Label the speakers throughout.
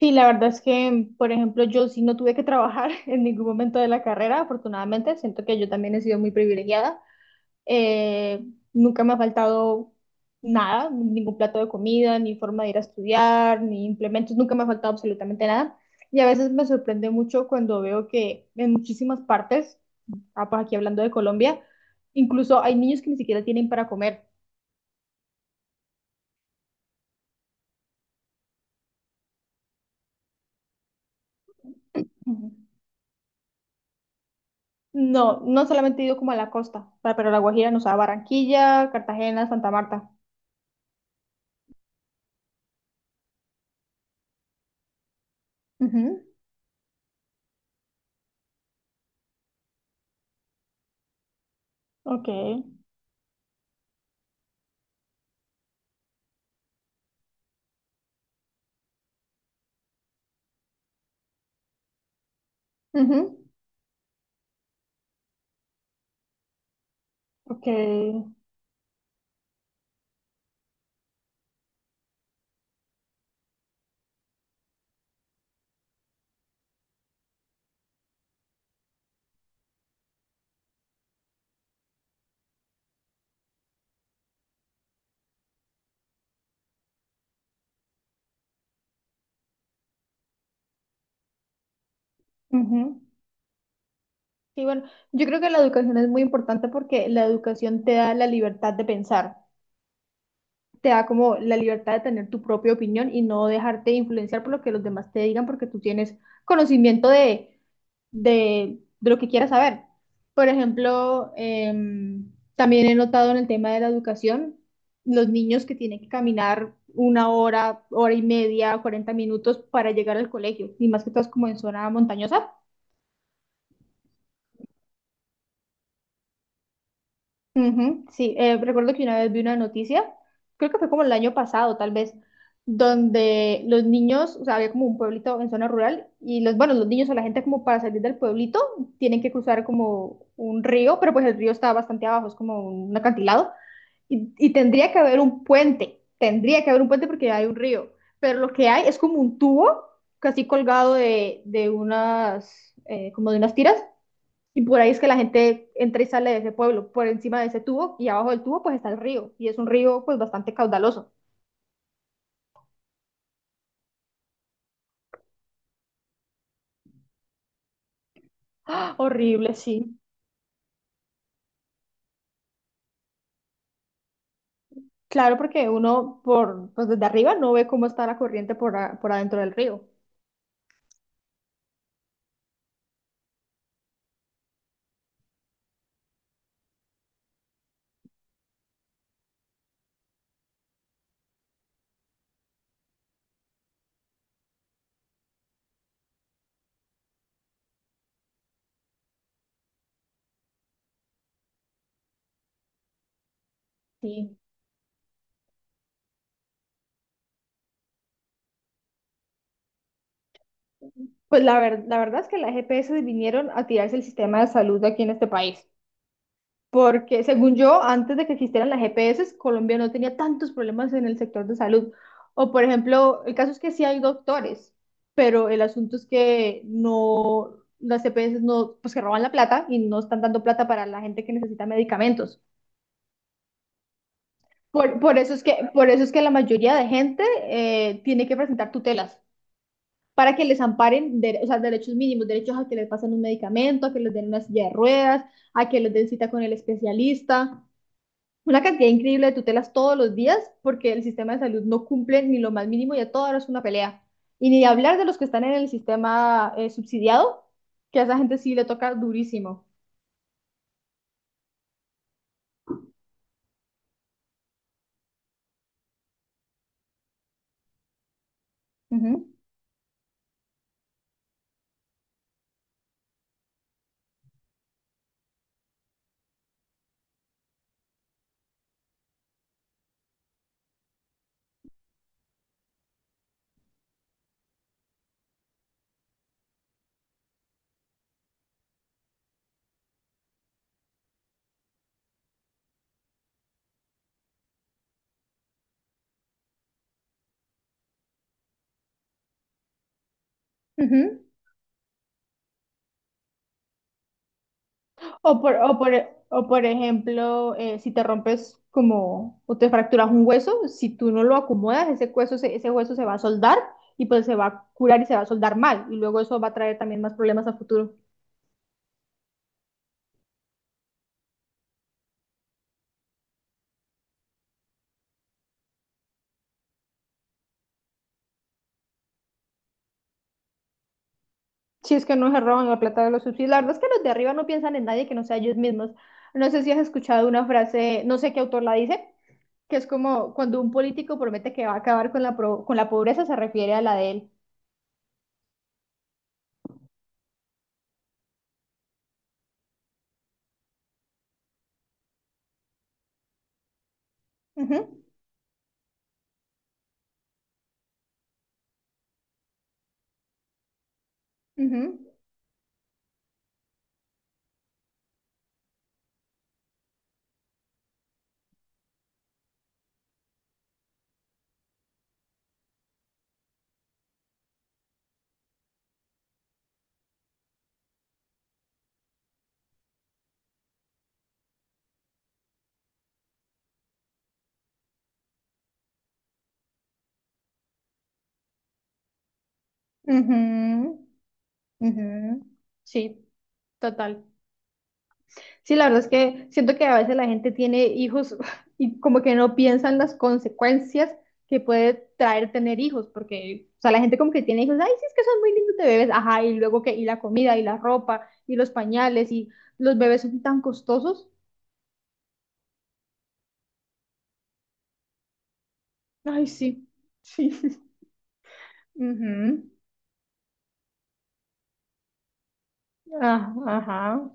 Speaker 1: Sí, la verdad es que, por ejemplo, yo sí no tuve que trabajar en ningún momento de la carrera, afortunadamente. Siento que yo también he sido muy privilegiada. Eh, Nunca me ha faltado nada, ningún plato de comida, ni forma de ir a estudiar, ni implementos, nunca me ha faltado absolutamente nada. Y a veces me sorprende mucho cuando veo que en muchísimas partes, ah, pues aquí hablando de Colombia, incluso hay niños que ni siquiera tienen para comer. No, no solamente he ido como a la costa, o sea, pero la Guajira, nos da Barranquilla, Cartagena, Santa Marta. Ujú, ok, ujú, ok, ujú. Sí, bueno, yo creo que la educación es muy importante porque la educación te da la libertad de pensar. Te da como la libertad de tener tu propia opinión y no dejarte influenciar por lo que los demás te digan porque tú tienes conocimiento de lo que quieras saber. Por ejemplo, también he notado en el tema de la educación, los niños que tienen que caminar una hora, hora y media, 40 minutos para llegar al colegio, y más que todo es como en zona montañosa. Ujú, sí, recuerdo que una vez vi una noticia, creo que fue como el año pasado, tal vez, donde los niños, o sea, había como un pueblito en zona rural y los, bueno, los niños o la gente como para salir del pueblito tienen que cruzar como un río, pero pues el río está bastante abajo, es como un acantilado y tendría que haber un puente, tendría que haber un puente porque hay un río, pero lo que hay es como un tubo casi colgado de unas, como de unas tiras y por ahí es que la gente entra y sale de ese pueblo, por encima de ese tubo y abajo del tubo pues está el río y es un río pues bastante caudaloso. Horrible, sí. Claro, porque uno por pues desde arriba no ve cómo está la corriente por adentro del río. Sí. Pues la verdad es que las GPS vinieron a tirarse el sistema de salud de aquí en este país. Porque según yo, antes de que existieran las GPS, Colombia no tenía tantos problemas en el sector de salud. O por ejemplo, el caso es que sí hay doctores, pero el asunto es que no, las GPS no, pues que roban la plata y no están dando plata para la gente que necesita medicamentos. Por eso es que, por eso es que la mayoría de gente tiene que presentar tutelas para que les amparen, o sea, derechos mínimos, derechos a que les pasen un medicamento, a que les den una silla de ruedas, a que les den cita con el especialista. Una cantidad increíble de tutelas todos los días porque el sistema de salud no cumple ni lo más mínimo y a toda hora es una pelea. Y ni de hablar de los que están en el sistema subsidiado, que a esa gente sí le toca durísimo. Ujú, ujú. O por, o por, o por ejemplo, si te rompes como o te fracturas un hueso, si tú no lo acomodas, ese hueso se va a soldar y pues se va a curar y se va a soldar mal. Y luego eso va a traer también más problemas a futuro. Si es que no se roban la plata de los subsidios. La verdad es que los de arriba no piensan en nadie que no sea ellos mismos. No sé si has escuchado una frase, no sé qué autor la dice, que es como cuando un político promete que va a acabar con con la pobreza, se refiere a la de él. Ujú, ujú, ujú, ujú. Sí, total. Sí, la verdad es que siento que a veces la gente tiene hijos y como que no piensan las consecuencias que puede traer tener hijos, porque, o sea, la gente como que tiene hijos, ay, sí, es que son muy lindos de bebés, ajá, y luego que, y la comida, y la ropa, y los pañales, y los bebés son tan costosos. Ay, sí, sí. Ujú. Ah, ajá,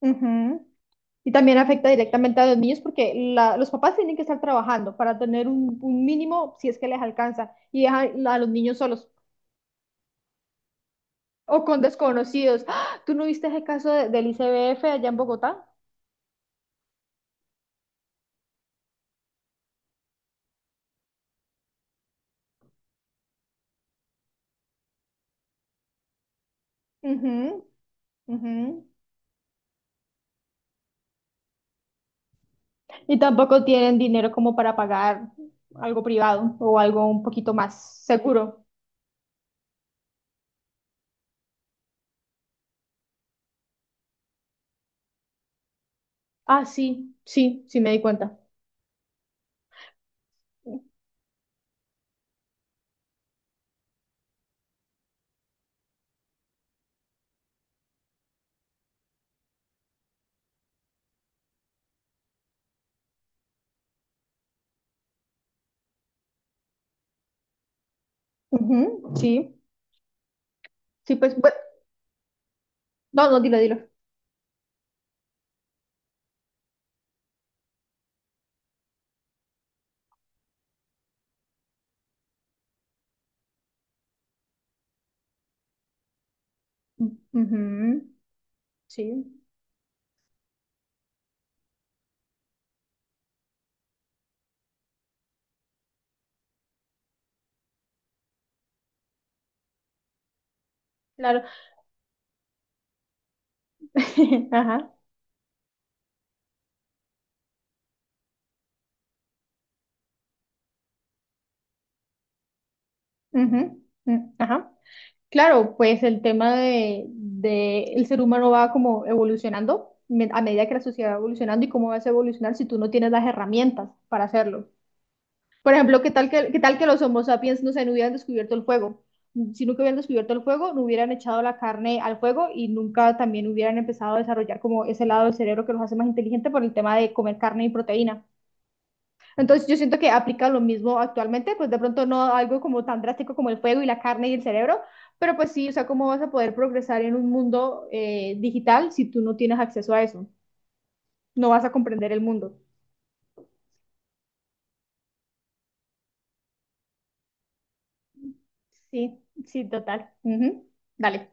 Speaker 1: ujú. Y también afecta directamente a los niños porque los papás tienen que estar trabajando para tener un mínimo, si es que les alcanza, y dejan a los niños solos. O con desconocidos. ¡Ah! ¿Tú no viste ese caso del ICBF allá en Bogotá? Ujú, ujú. Y tampoco tienen dinero como para pagar algo privado o algo un poquito más seguro. Ah, sí, sí, sí me di cuenta. Ujú, sí, sí, pues, bueno, no, no, dilo, dilo. Ujú, sí, claro. Ajá. Ujú, mm, ajá. Claro, pues el tema de el ser humano va como evolucionando a medida que la sociedad va evolucionando y cómo vas a evolucionar si tú no tienes las herramientas para hacerlo. Por ejemplo, ¿qué tal que los Homo sapiens no se no hubieran descubierto el fuego? Si nunca hubieran descubierto el fuego, no hubieran echado la carne al fuego y nunca también hubieran empezado a desarrollar como ese lado del cerebro que los hace más inteligentes por el tema de comer carne y proteína. Entonces yo siento que aplica lo mismo actualmente, pues de pronto no algo como tan drástico como el fuego y la carne y el cerebro, pero pues sí, o sea, ¿cómo vas a poder progresar en un mundo digital si tú no tienes acceso a eso? No vas a comprender el mundo. Sí, sí, total. Ujú. Dale.